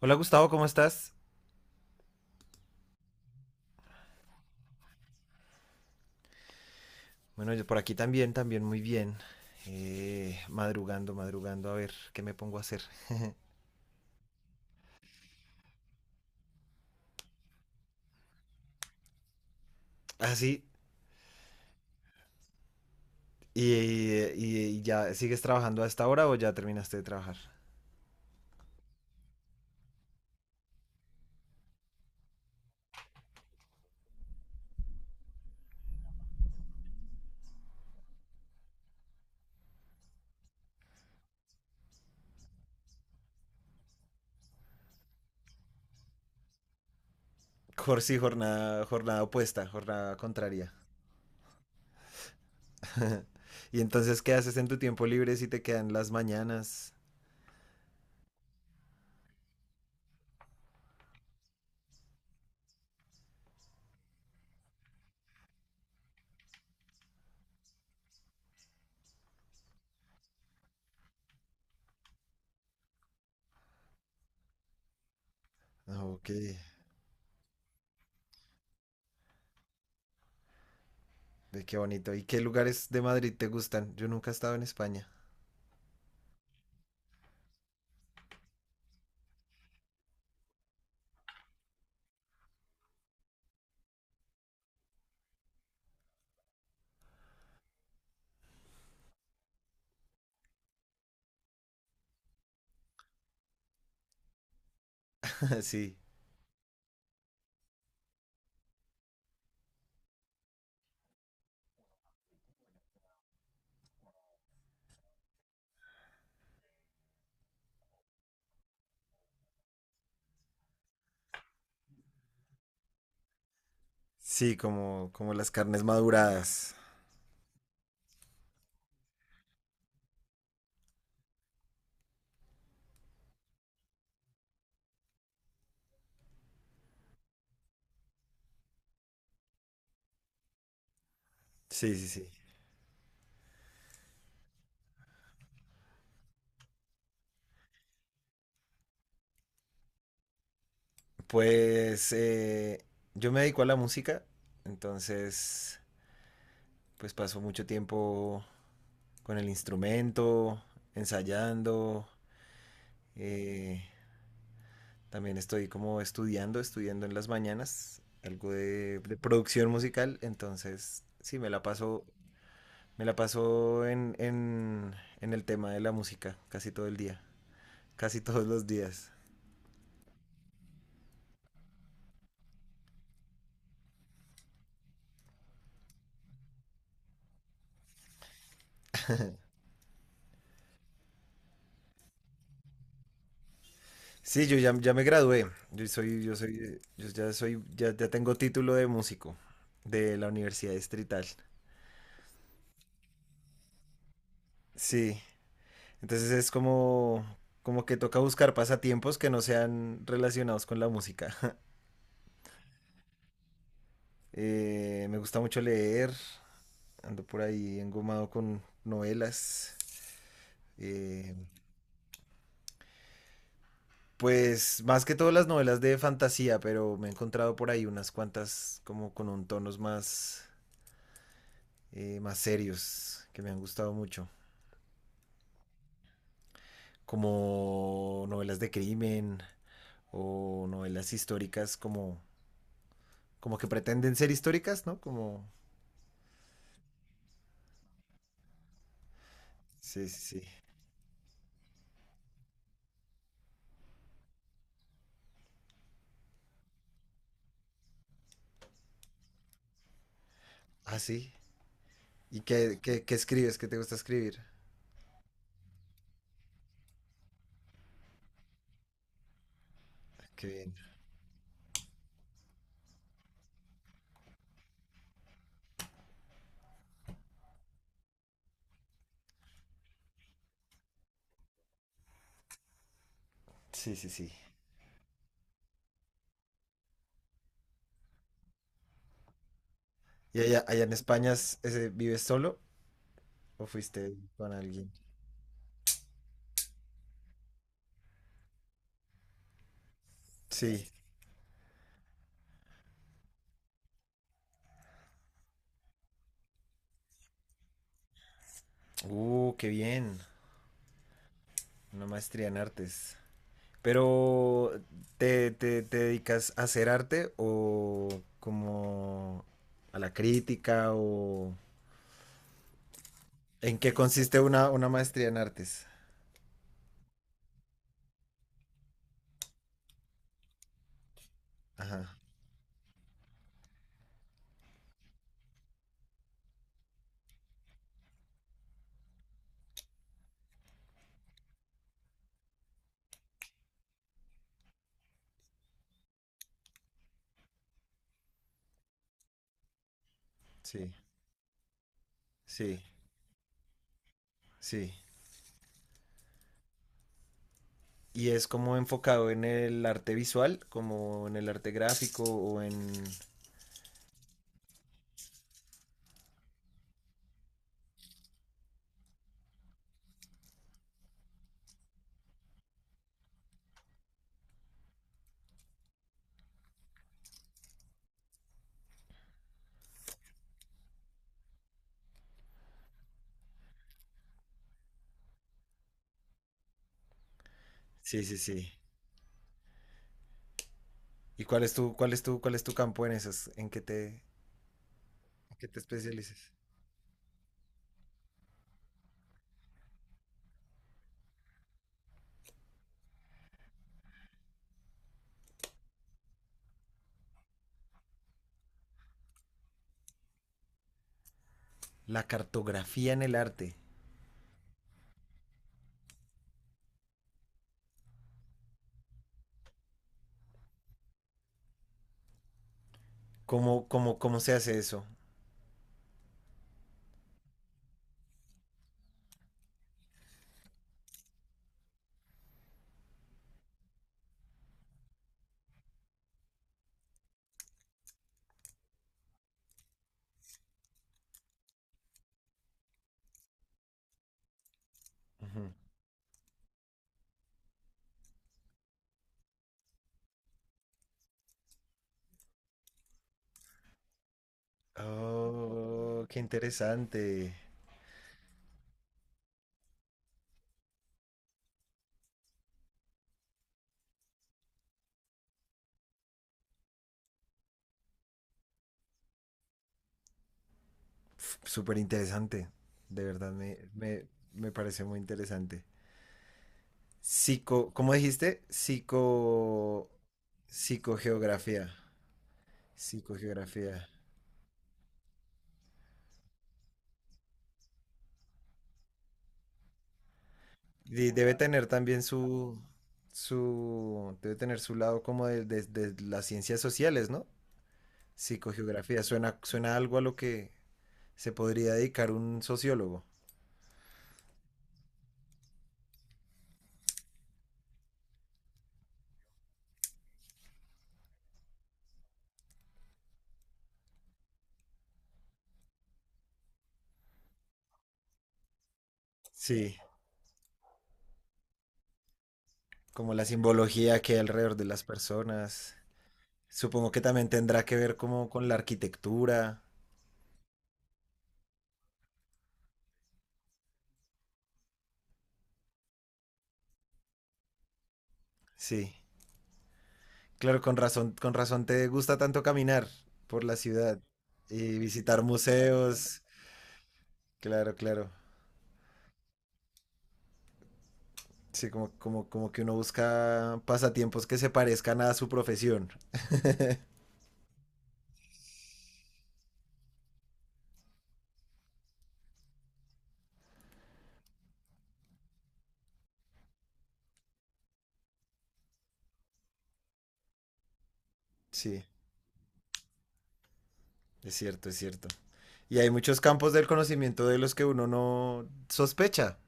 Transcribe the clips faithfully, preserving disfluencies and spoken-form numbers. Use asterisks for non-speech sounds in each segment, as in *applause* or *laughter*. Hola Gustavo, ¿cómo estás? Bueno, yo por aquí también, también muy bien. Eh, madrugando, madrugando, a ver qué me pongo a hacer. Ah, sí. ¿Y, y- y ya sigues trabajando a esta hora o ya terminaste de trabajar? Jor- sí, jornada, jornada opuesta, jornada contraria. *laughs* ¿Y entonces qué haces en tu tiempo libre si te quedan las mañanas? Ah, ok, ve qué bonito. ¿Y qué lugares de Madrid te gustan? Yo nunca he estado en España. *laughs* Sí, sí, como, como las carnes maduradas. Sí, sí, sí. Pues eh, yo me dedico a la música, entonces pues paso mucho tiempo con el instrumento, ensayando, eh, también estoy como estudiando, estudiando en las mañanas algo de, de producción musical, entonces sí, me la paso, me la paso en, en, en el tema de la música casi todo el día, casi *laughs* todos los días. Sí, yo ya, ya me gradué. Yo soy, yo soy, yo ya soy, ya, ya tengo título de músico de la Universidad Distrital. Sí. Entonces es como, como que toca buscar pasatiempos que no sean relacionados con la música. *laughs* Eh, me gusta mucho leer. Ando por ahí engomado con novelas. eh, pues más que todo las novelas de fantasía, pero me he encontrado por ahí unas cuantas como con un tonos más, eh, más serios que me han gustado mucho. Como novelas de crimen o novelas históricas como, como que pretenden ser históricas, ¿no? Como... Sí, sí, sí. Ah, sí. ¿Y qué, qué, qué escribes? ¿Qué te gusta escribir? Qué bien. Sí, sí, sí. ¿Y allá, allá en España es- ese, vives solo o fuiste con alguien? Sí. Uh, qué bien. Una maestría en artes. Pero, ¿te, te, te dedicas a hacer arte o como a la crítica o, ¿en qué consiste una, una maestría en artes? Ajá, sí, sí, sí. Y es como enfocado en el arte visual, como en el arte gráfico o en... Sí, sí, sí. ¿Y cuál es tu, cuál es tu, cuál es tu campo en esas? ¿En qué te, en qué te especialices? La cartografía en el arte. ¿Cómo, cómo, cómo se hace eso? Ujú. Oh, qué interesante. Súper interesante. De verdad, me, me, me parece muy interesante. Psico, ¿cómo dijiste? Psico, psicogeografía. Psicogeografía. Y debe tener también su, su, debe tener su lado como de, de- de las ciencias sociales, ¿no? Psicogeografía. Suena, suena algo a lo que se podría dedicar un sociólogo. Sí, como la simbología que hay alrededor de las personas. Supongo que también tendrá que ver como con la arquitectura. Sí. Claro, con razón, con razón te gusta tanto caminar por la ciudad y visitar museos. Claro, claro. Sí, como, como, como que uno busca pasatiempos que se parezcan a su profesión. Sí, es cierto, es cierto. Y hay muchos campos del conocimiento de los que uno no sospecha.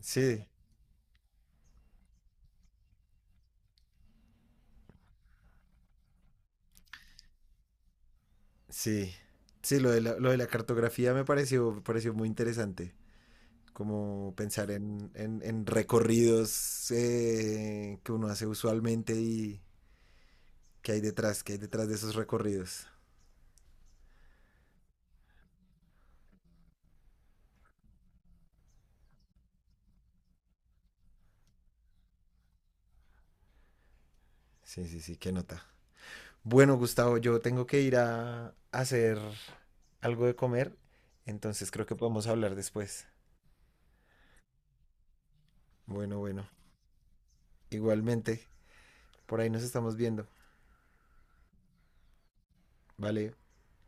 Sí, sí. Sí, lo de la, lo de la cartografía me pareció, me pareció muy interesante. Como pensar en, en- en recorridos eh, que uno hace usualmente y, ¿qué hay detrás? ¿Qué hay detrás de esos recorridos? Sí, sí, sí, qué nota. Bueno, Gustavo, yo tengo que ir a hacer algo de comer, entonces creo que podemos hablar después. Bueno, bueno. Igualmente, por ahí nos estamos viendo. Vale.